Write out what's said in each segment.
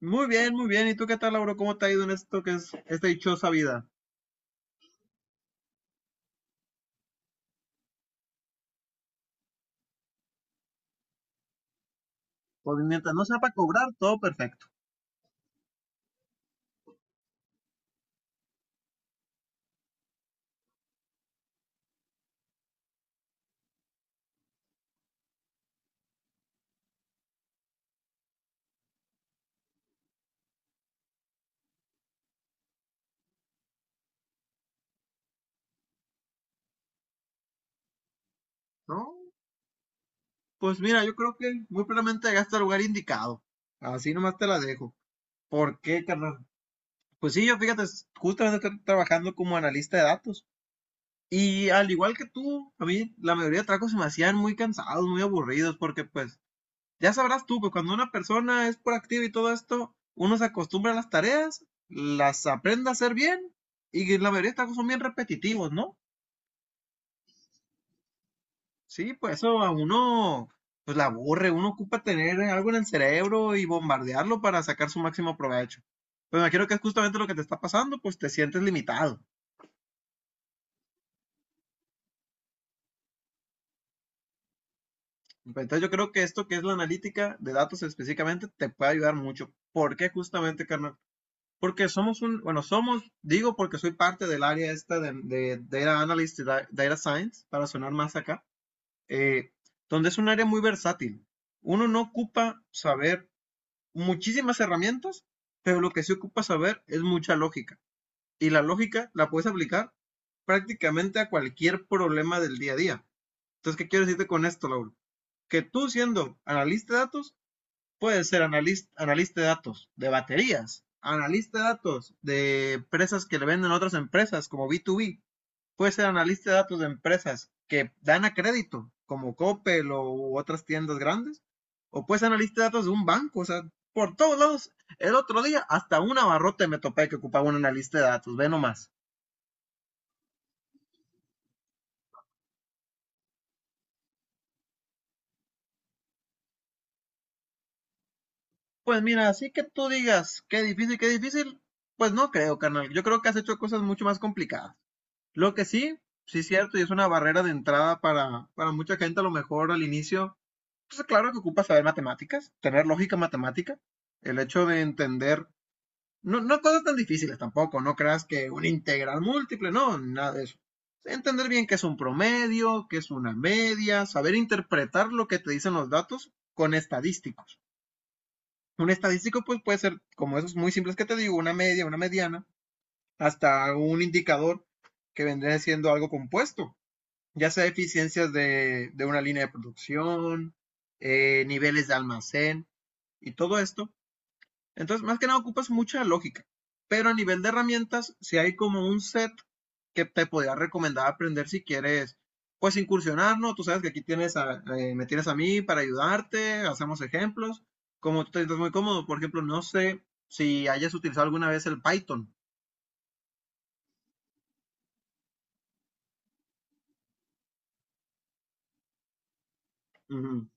Muy bien, muy bien. ¿Y tú qué tal, Lauro? ¿Cómo te ha ido en esto que es esta dichosa vida? Pues mientras no sea para cobrar, todo perfecto, ¿no? Pues mira, yo creo que muy probablemente llegaste al lugar indicado. Así nomás te la dejo. ¿Por qué, carnal? Pues sí, yo fíjate, justamente estoy trabajando como analista de datos. Y al igual que tú, a mí la mayoría de trabajos se me hacían muy cansados, muy aburridos, porque pues ya sabrás tú que cuando una persona es proactiva y todo esto, uno se acostumbra a las tareas, las aprende a hacer bien y la mayoría de estas cosas son bien repetitivos, ¿no? Sí, pues eso a uno pues la aburre, uno ocupa tener algo en el cerebro y bombardearlo para sacar su máximo provecho. Pues me imagino que es justamente lo que te está pasando, pues te sientes limitado. Entonces yo creo que esto que es la analítica de datos específicamente te puede ayudar mucho. ¿Por qué justamente, carnal? Porque somos un, bueno, somos, digo porque soy parte del área esta de Data Analyst y Data Science, para sonar más acá. eh, Donde es un área muy versátil. Uno no ocupa saber muchísimas herramientas, pero lo que sí ocupa saber es mucha lógica. Y la lógica la puedes aplicar prácticamente a cualquier problema del día a día. Entonces, ¿qué quiero decirte con esto, Lauro? Que tú siendo analista de datos, puede ser analista, analista de datos de baterías, analista de datos de empresas que le venden a otras empresas como B2B. Puede ser analista de datos de empresas que dan a crédito como Coppel o u otras tiendas grandes. O puede ser analista de datos de un banco. O sea, por todos lados. El otro día hasta una barrota me topé que ocupaba un analista de datos. Ve nomás. Pues mira, así que tú digas, qué difícil, qué difícil. Pues no creo, carnal. Yo creo que has hecho cosas mucho más complicadas. Lo que sí, sí es cierto, y es una barrera de entrada para mucha gente a lo mejor al inicio. Pues claro que ocupa saber matemáticas, tener lógica matemática, el hecho de entender, no, no cosas tan difíciles tampoco, no creas que un integral múltiple, no, nada de eso. Entender bien qué es un promedio, qué es una media, saber interpretar lo que te dicen los datos con estadísticos. Un estadístico pues puede ser como esos muy simples que te digo, una media, una mediana, hasta un indicador que vendría siendo algo compuesto, ya sea eficiencias de una línea de producción, niveles de almacén y todo esto. Entonces, más que nada ocupas mucha lógica. Pero a nivel de herramientas, si hay como un set que te podría recomendar aprender si quieres, pues incursionar, ¿no? Tú sabes que aquí tienes me tienes a mí para ayudarte, hacemos ejemplos. Como tú te sientes muy cómodo, por ejemplo, no sé si hayas utilizado alguna vez el Python. Ujú,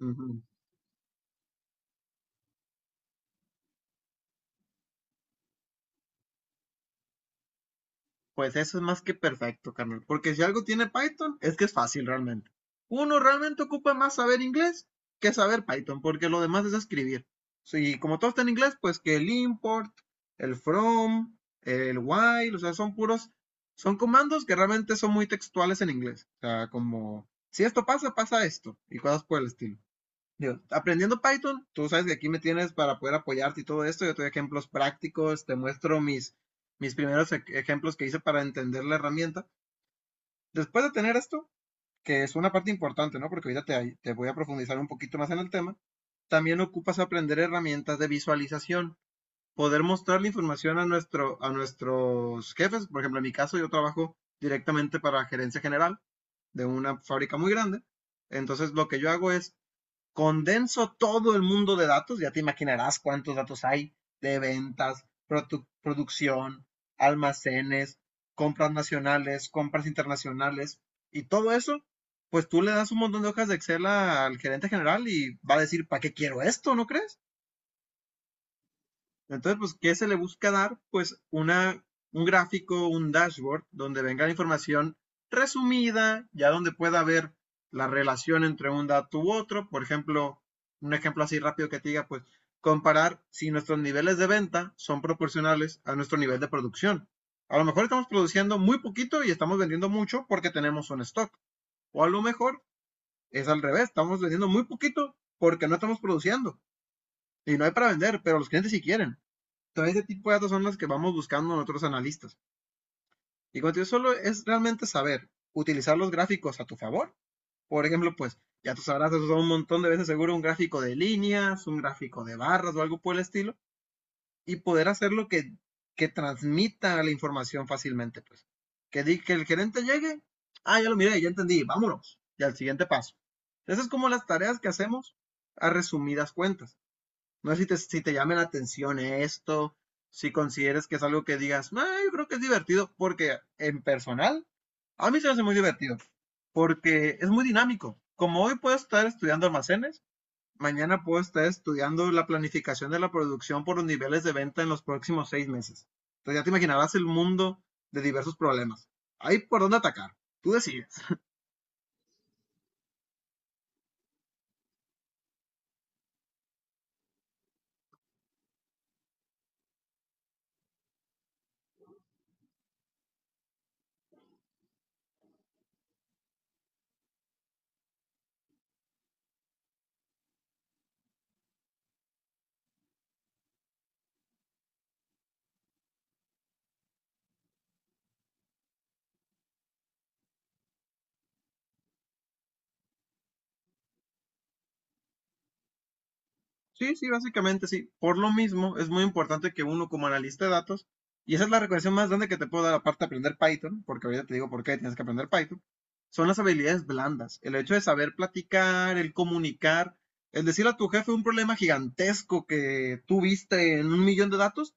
ujú. Pues eso es más que perfecto, carnal. Porque si algo tiene Python, es que es fácil realmente. Uno realmente ocupa más saber inglés que saber Python, porque lo demás es escribir. Y como todo está en inglés, pues que el import, el from, el while, o sea, son comandos que realmente son muy textuales en inglés. O sea, como, si esto pasa, pasa esto, y cosas por el estilo. Digo, aprendiendo Python, tú sabes que aquí me tienes para poder apoyarte y todo esto. Yo te doy ejemplos prácticos, te muestro mis primeros ejemplos que hice para entender la herramienta. Después de tener esto, que es una parte importante, ¿no? Porque ahorita te voy a profundizar un poquito más en el tema, también ocupas aprender herramientas de visualización, poder mostrar la información a nuestros jefes. Por ejemplo, en mi caso, yo trabajo directamente para gerencia general de una fábrica muy grande. Entonces, lo que yo hago es condenso todo el mundo de datos, ya te imaginarás cuántos datos hay de ventas, producción, almacenes, compras nacionales, compras internacionales y todo eso. Pues tú le das un montón de hojas de Excel al gerente general y va a decir, ¿para qué quiero esto? ¿No crees? Entonces, pues, ¿qué se le busca dar? Pues un gráfico, un dashboard, donde venga la información resumida, ya donde pueda haber la relación entre un dato u otro. Por ejemplo, un ejemplo así rápido que te diga, pues, comparar si nuestros niveles de venta son proporcionales a nuestro nivel de producción. A lo mejor estamos produciendo muy poquito y estamos vendiendo mucho porque tenemos un stock. O a lo mejor es al revés, estamos vendiendo muy poquito porque no estamos produciendo y no hay para vender, pero los clientes sí quieren. Todo ese tipo de datos son los que vamos buscando nosotros analistas. Y cuando yo solo es realmente saber utilizar los gráficos a tu favor. Por ejemplo, pues ya tú sabrás, eso un montón de veces seguro, un gráfico de líneas, un gráfico de barras o algo por el estilo, y poder hacer que transmita la información fácilmente. Pues que, que el gerente llegue, ah, ya lo miré, ya entendí, vámonos, y al siguiente paso. Esas es como las tareas que hacemos a resumidas cuentas. No sé si te llame la atención esto, si consideres que es algo que digas, no, yo creo que es divertido, porque en personal, a mí se me hace muy divertido, porque es muy dinámico. Como hoy puedo estar estudiando almacenes, mañana puedo estar estudiando la planificación de la producción por los niveles de venta en los próximos 6 meses. Entonces ya te imaginarás el mundo de diversos problemas. Ahí por dónde atacar. Tú decides. Sí, sí, básicamente sí. Por lo mismo, es muy importante que uno como analista de datos, y esa es la recomendación más grande que te puedo dar aparte de aprender Python, porque ahorita te digo por qué tienes que aprender Python, son las habilidades blandas. El hecho de saber platicar, el comunicar, el decirle a tu jefe un problema gigantesco que tuviste en un millón de datos,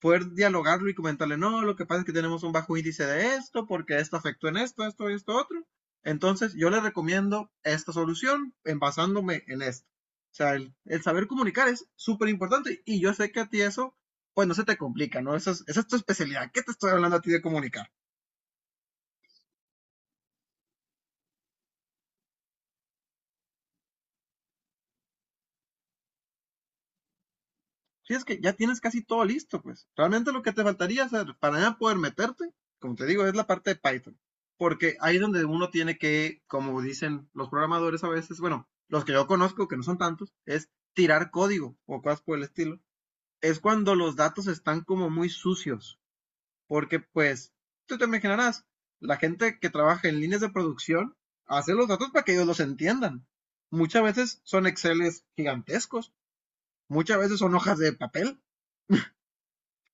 poder dialogarlo y comentarle, no, lo que pasa es que tenemos un bajo índice de esto, porque esto afectó en esto, esto, y esto, otro. Entonces, yo le recomiendo esta solución en basándome en esto. O sea, el saber comunicar es súper importante y yo sé que a ti eso, pues no se te complica, ¿no? Esa es tu especialidad. ¿Qué te estoy hablando a ti de comunicar? Sí, es que ya tienes casi todo listo, pues. Realmente lo que te faltaría hacer para ya poder meterte, como te digo, es la parte de Python. Porque ahí es donde uno tiene que, como dicen los programadores a veces, bueno, los que yo conozco, que no son tantos, es tirar código o cosas por el estilo. Es cuando los datos están como muy sucios. Porque, pues, tú te imaginarás, la gente que trabaja en líneas de producción hace los datos para que ellos los entiendan. Muchas veces son Exceles gigantescos, muchas veces son hojas de papel.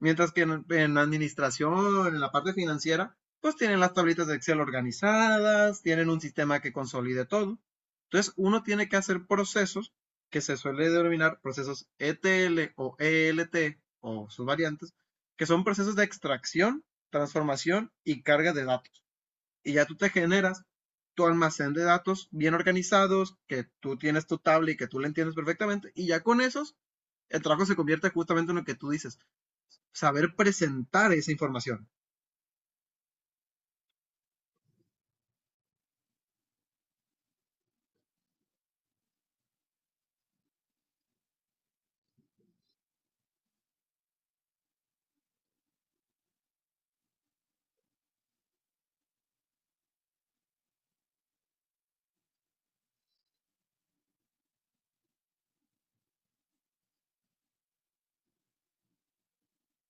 Mientras que en administración, en la parte financiera, pues tienen las tablitas de Excel organizadas, tienen un sistema que consolide todo. Entonces, uno tiene que hacer procesos que se suele denominar procesos ETL o ELT o sus variantes, que son procesos de extracción, transformación y carga de datos. Y ya tú te generas tu almacén de datos bien organizados, que tú tienes tu tabla y que tú la entiendes perfectamente, y ya con esos, el trabajo se convierte justamente en lo que tú dices, saber presentar esa información.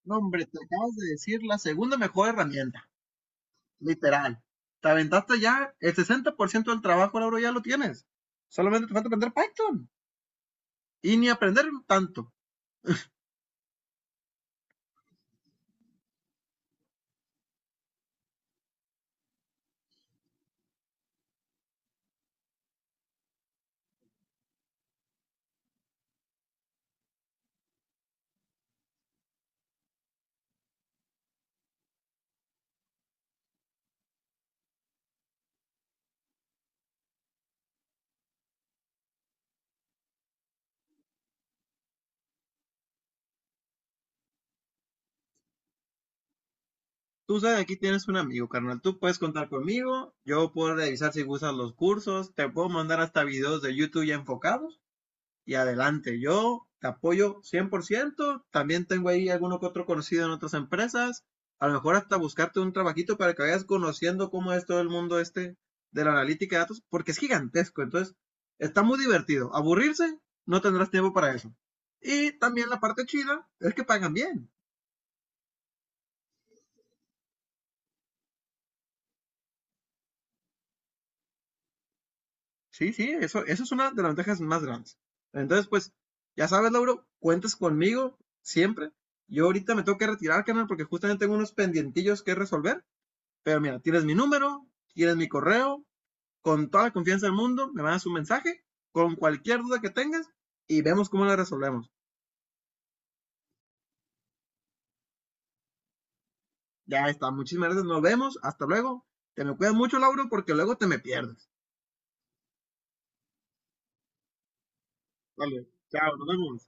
No, hombre, te acabas de decir la segunda mejor herramienta, literal. Te aventaste ya el 60% del trabajo, Lauro, ya lo tienes. Solamente te falta aprender Python y ni aprender tanto. Tú sabes, aquí tienes un amigo, carnal. Tú puedes contar conmigo. Yo puedo revisar si gustas los cursos. Te puedo mandar hasta videos de YouTube ya enfocados. Y adelante. Yo te apoyo 100%. También tengo ahí alguno que otro conocido en otras empresas. A lo mejor hasta buscarte un trabajito para que vayas conociendo cómo es todo el mundo este de la analítica de datos, porque es gigantesco. Entonces, está muy divertido. Aburrirse, no tendrás tiempo para eso. Y también la parte chida es que pagan bien. Sí, sí, eso es una de las ventajas más grandes. Entonces, pues, ya sabes, Lauro, cuentas conmigo siempre. Yo ahorita me tengo que retirar, canal, porque justamente tengo unos pendientillos que resolver. Pero mira, tienes mi número, tienes mi correo, con toda la confianza del mundo, me mandas un mensaje con cualquier duda que tengas y vemos cómo la resolvemos. Ya está, muchísimas gracias, nos vemos, hasta luego. Te me cuidas mucho, Lauro, porque luego te me pierdes. Vale, chao, nos vemos.